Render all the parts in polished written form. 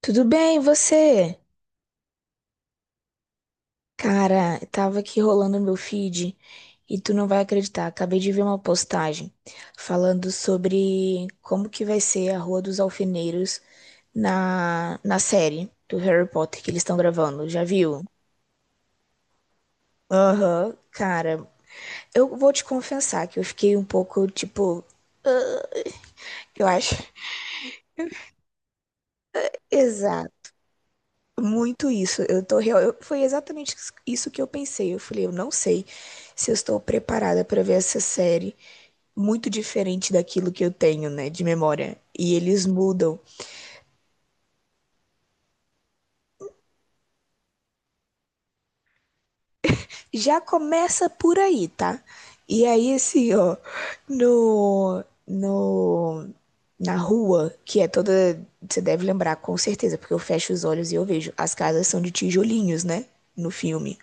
Tudo bem, e você? Cara, tava aqui rolando meu feed e tu não vai acreditar. Acabei de ver uma postagem falando sobre como que vai ser a Rua dos Alfeneiros na série do Harry Potter que eles estão gravando. Já viu? Aham, cara. Eu vou te confessar que eu fiquei um pouco, tipo, eu acho. Exato. Muito isso. Eu tô real. Foi exatamente isso que eu pensei. Eu falei, eu não sei se eu estou preparada para ver essa série. Muito diferente daquilo que eu tenho, né, de memória. E eles mudam. Já começa por aí, tá? E aí, assim, ó, no, no, na rua, que é toda. Você deve lembrar, com certeza, porque eu fecho os olhos e eu vejo. As casas são de tijolinhos, né? No filme.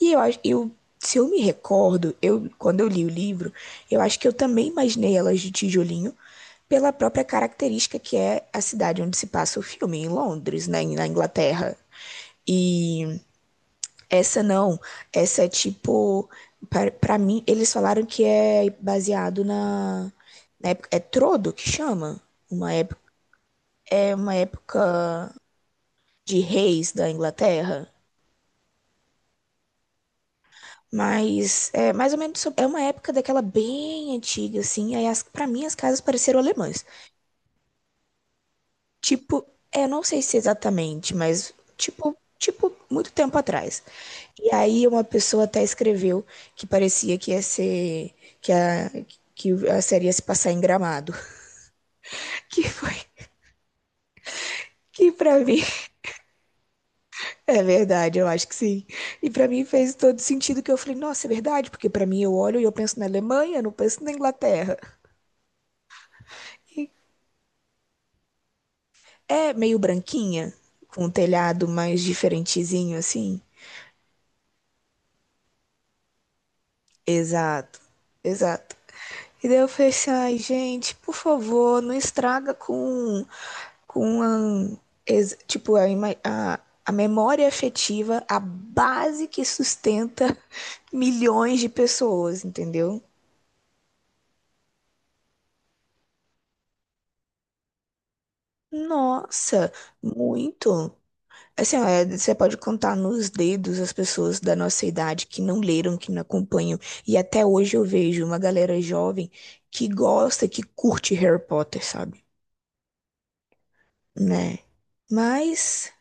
E eu acho, eu, se eu me recordo, eu, quando eu li o livro, eu acho que eu também imaginei elas de tijolinho pela própria característica que é a cidade onde se passa o filme, em Londres, né, na Inglaterra. E essa não, essa é tipo, pra mim, eles falaram que é baseado na, na época, é Trodo que chama? Uma época, é uma época de reis da Inglaterra. Mas é mais ou menos. É uma época daquela bem antiga, assim. Aí as, para mim as casas pareceram alemãs. Tipo, é, não sei se exatamente, mas tipo, tipo muito tempo atrás. E aí uma pessoa até escreveu que parecia que ia ser que a série ia se passar em Gramado, que foi que pra mim é verdade, eu acho que sim. E pra mim fez todo sentido que eu falei, nossa, é verdade, porque pra mim eu olho e eu penso na Alemanha, eu não penso na Inglaterra. É meio branquinha, com um telhado mais diferentezinho assim. Exato, exato. E daí eu falei assim, ai, gente, por favor, não estraga com a, tipo, a memória afetiva, a base que sustenta milhões de pessoas, entendeu? Nossa, muito. Assim, ó, é, você pode contar nos dedos as pessoas da nossa idade que não leram, que não acompanham. E até hoje eu vejo uma galera jovem que gosta, que curte Harry Potter, sabe? Né? Mas,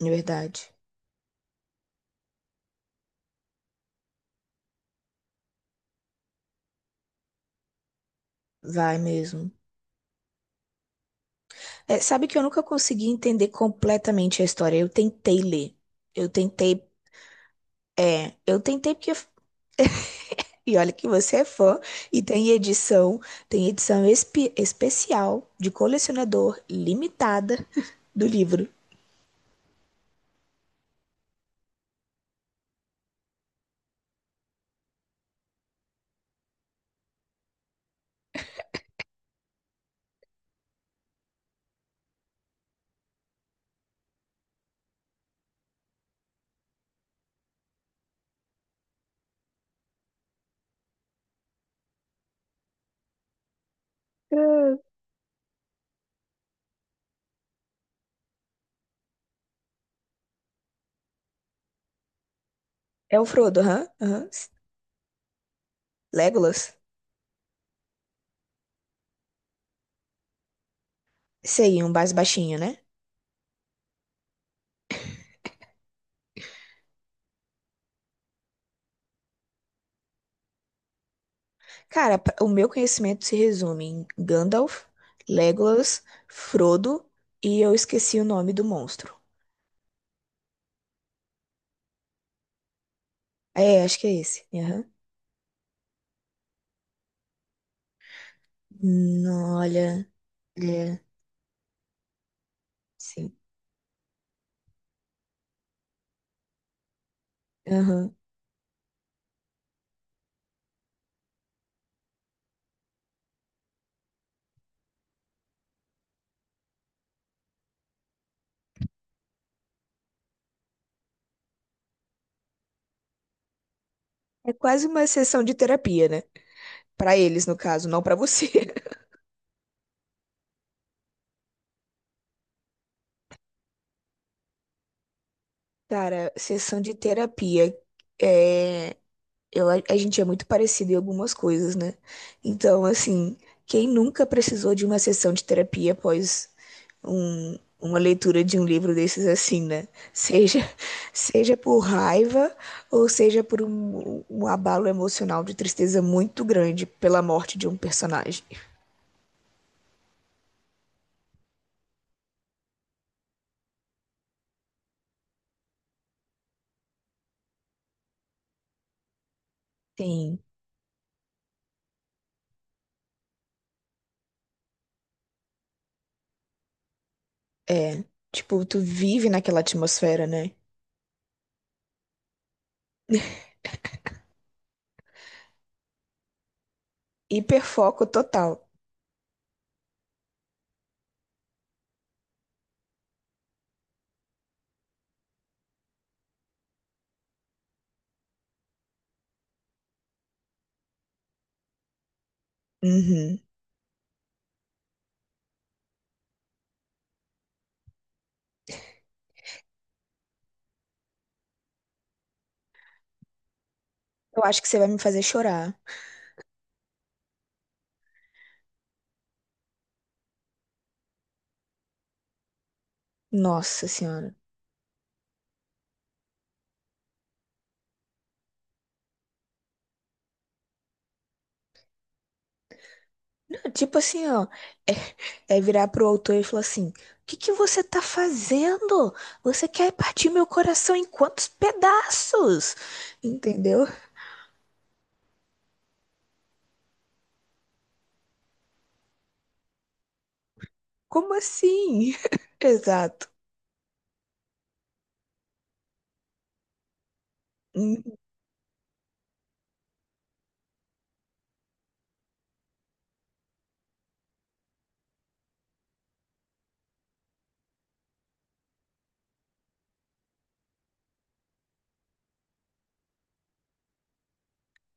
na verdade, vai mesmo. É, sabe que eu nunca consegui entender completamente a história. Eu tentei ler. Eu tentei. É, eu tentei porque. E olha que você é fã e tem edição especial de colecionador limitada do livro. Ah. É o Frodo, aham, aham. Legolas? Sei, um mais baixinho, né? Cara, o meu conhecimento se resume em Gandalf, Legolas, Frodo e eu esqueci o nome do monstro. É, acho que é esse. Aham. Não, olha, é, sim. Aham. É quase uma sessão de terapia, né? Pra eles, no caso, não pra você. Cara, sessão de terapia. É. Eu, a gente é muito parecido em algumas coisas, né? Então, assim, quem nunca precisou de uma sessão de terapia após um, uma leitura de um livro desses assim, né? Seja, seja por raiva ou seja por um, um abalo emocional de tristeza muito grande pela morte de um personagem. Sim, é. Tipo, tu vive naquela atmosfera, né? Hiperfoco total. Uhum. Eu acho que você vai me fazer chorar. Nossa senhora. Tipo assim, ó. É, é virar pro autor e falar assim: O que que você tá fazendo? Você quer partir meu coração em quantos pedaços? Entendeu? Como assim? Exato. Hum.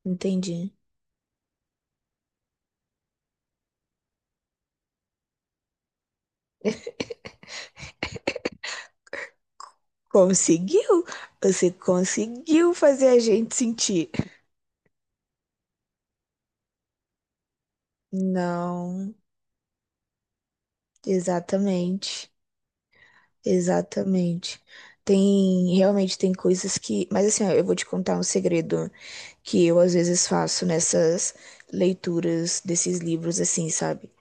Entendi. Conseguiu? Você conseguiu fazer a gente sentir. Não, exatamente. Exatamente. Tem, realmente tem coisas que, mas assim, ó, eu vou te contar um segredo que eu às vezes faço nessas leituras desses livros assim, sabe?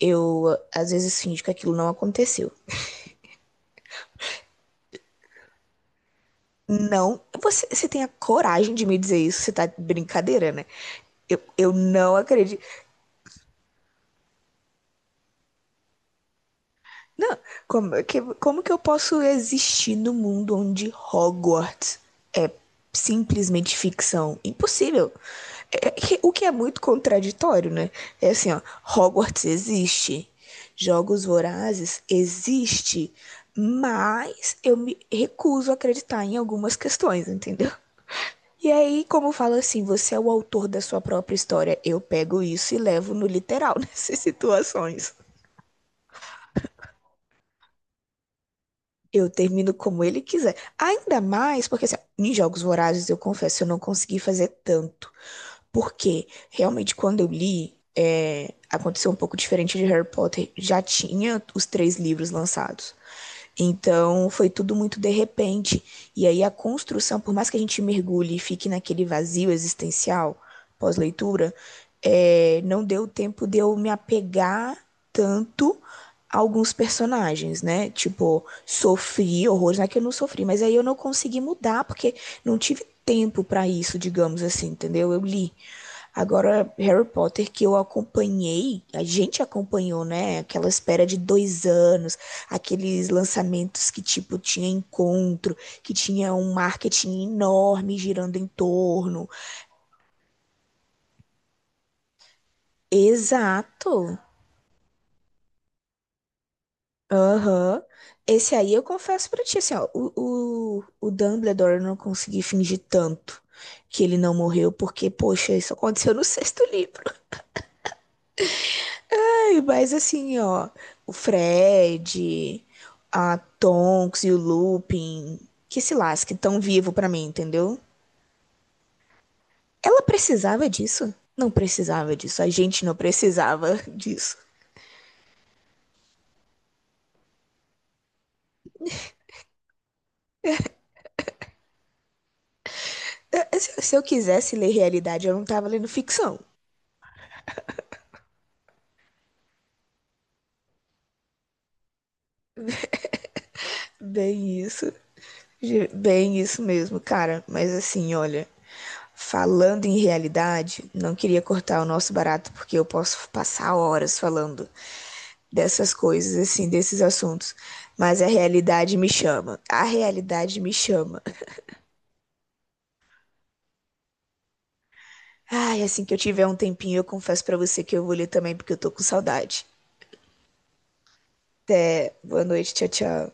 Eu às vezes finjo que aquilo não aconteceu. Não, você, você tem a coragem de me dizer isso? Você tá de brincadeira, né? Eu não acredito. Não, como que eu posso existir no mundo onde Hogwarts é simplesmente ficção? Impossível. É é o que é muito contraditório, né? É assim, ó, Hogwarts existe, Jogos Vorazes existe, mas eu me recuso a acreditar em algumas questões, entendeu? E aí, como fala assim, você é o autor da sua própria história, eu pego isso e levo no literal nessas situações. Eu termino como ele quiser. Ainda mais porque, assim, ó, em Jogos Vorazes, eu confesso, eu não consegui fazer tanto. Porque, realmente, quando eu li, é, aconteceu um pouco diferente de Harry Potter. Já tinha os três livros lançados. Então, foi tudo muito de repente. E aí, a construção, por mais que a gente mergulhe e fique naquele vazio existencial pós-leitura, é, não deu tempo de eu me apegar tanto a alguns personagens, né? Tipo, sofri horrores, não é que eu não sofri, mas aí eu não consegui mudar porque não tive tempo para isso, digamos assim, entendeu? Eu li. Agora, Harry Potter, que eu acompanhei, a gente acompanhou, né? Aquela espera de 2 anos, aqueles lançamentos que, tipo, tinha encontro, que tinha um marketing enorme girando em torno. Exato. Aham. Esse aí eu confesso pra ti, assim, ó, o Dumbledore eu não consegui fingir tanto que ele não morreu, porque, poxa, isso aconteceu no sexto livro. Ai, mas assim, ó, o Fred, a Tonks e o Lupin, que se lasque, tão vivo pra mim, entendeu? Ela precisava disso? Não precisava disso, a gente não precisava disso. É, Se eu quisesse ler realidade, eu não tava lendo ficção. Bem isso, bem isso mesmo, cara. Mas assim, olha, falando em realidade, não queria cortar o nosso barato porque eu posso passar horas falando dessas coisas, assim, desses assuntos. Mas a realidade me chama. A realidade me chama. Ai, assim que eu tiver um tempinho, eu confesso pra você que eu vou ler também, porque eu tô com saudade. Até boa noite, tchau, tchau.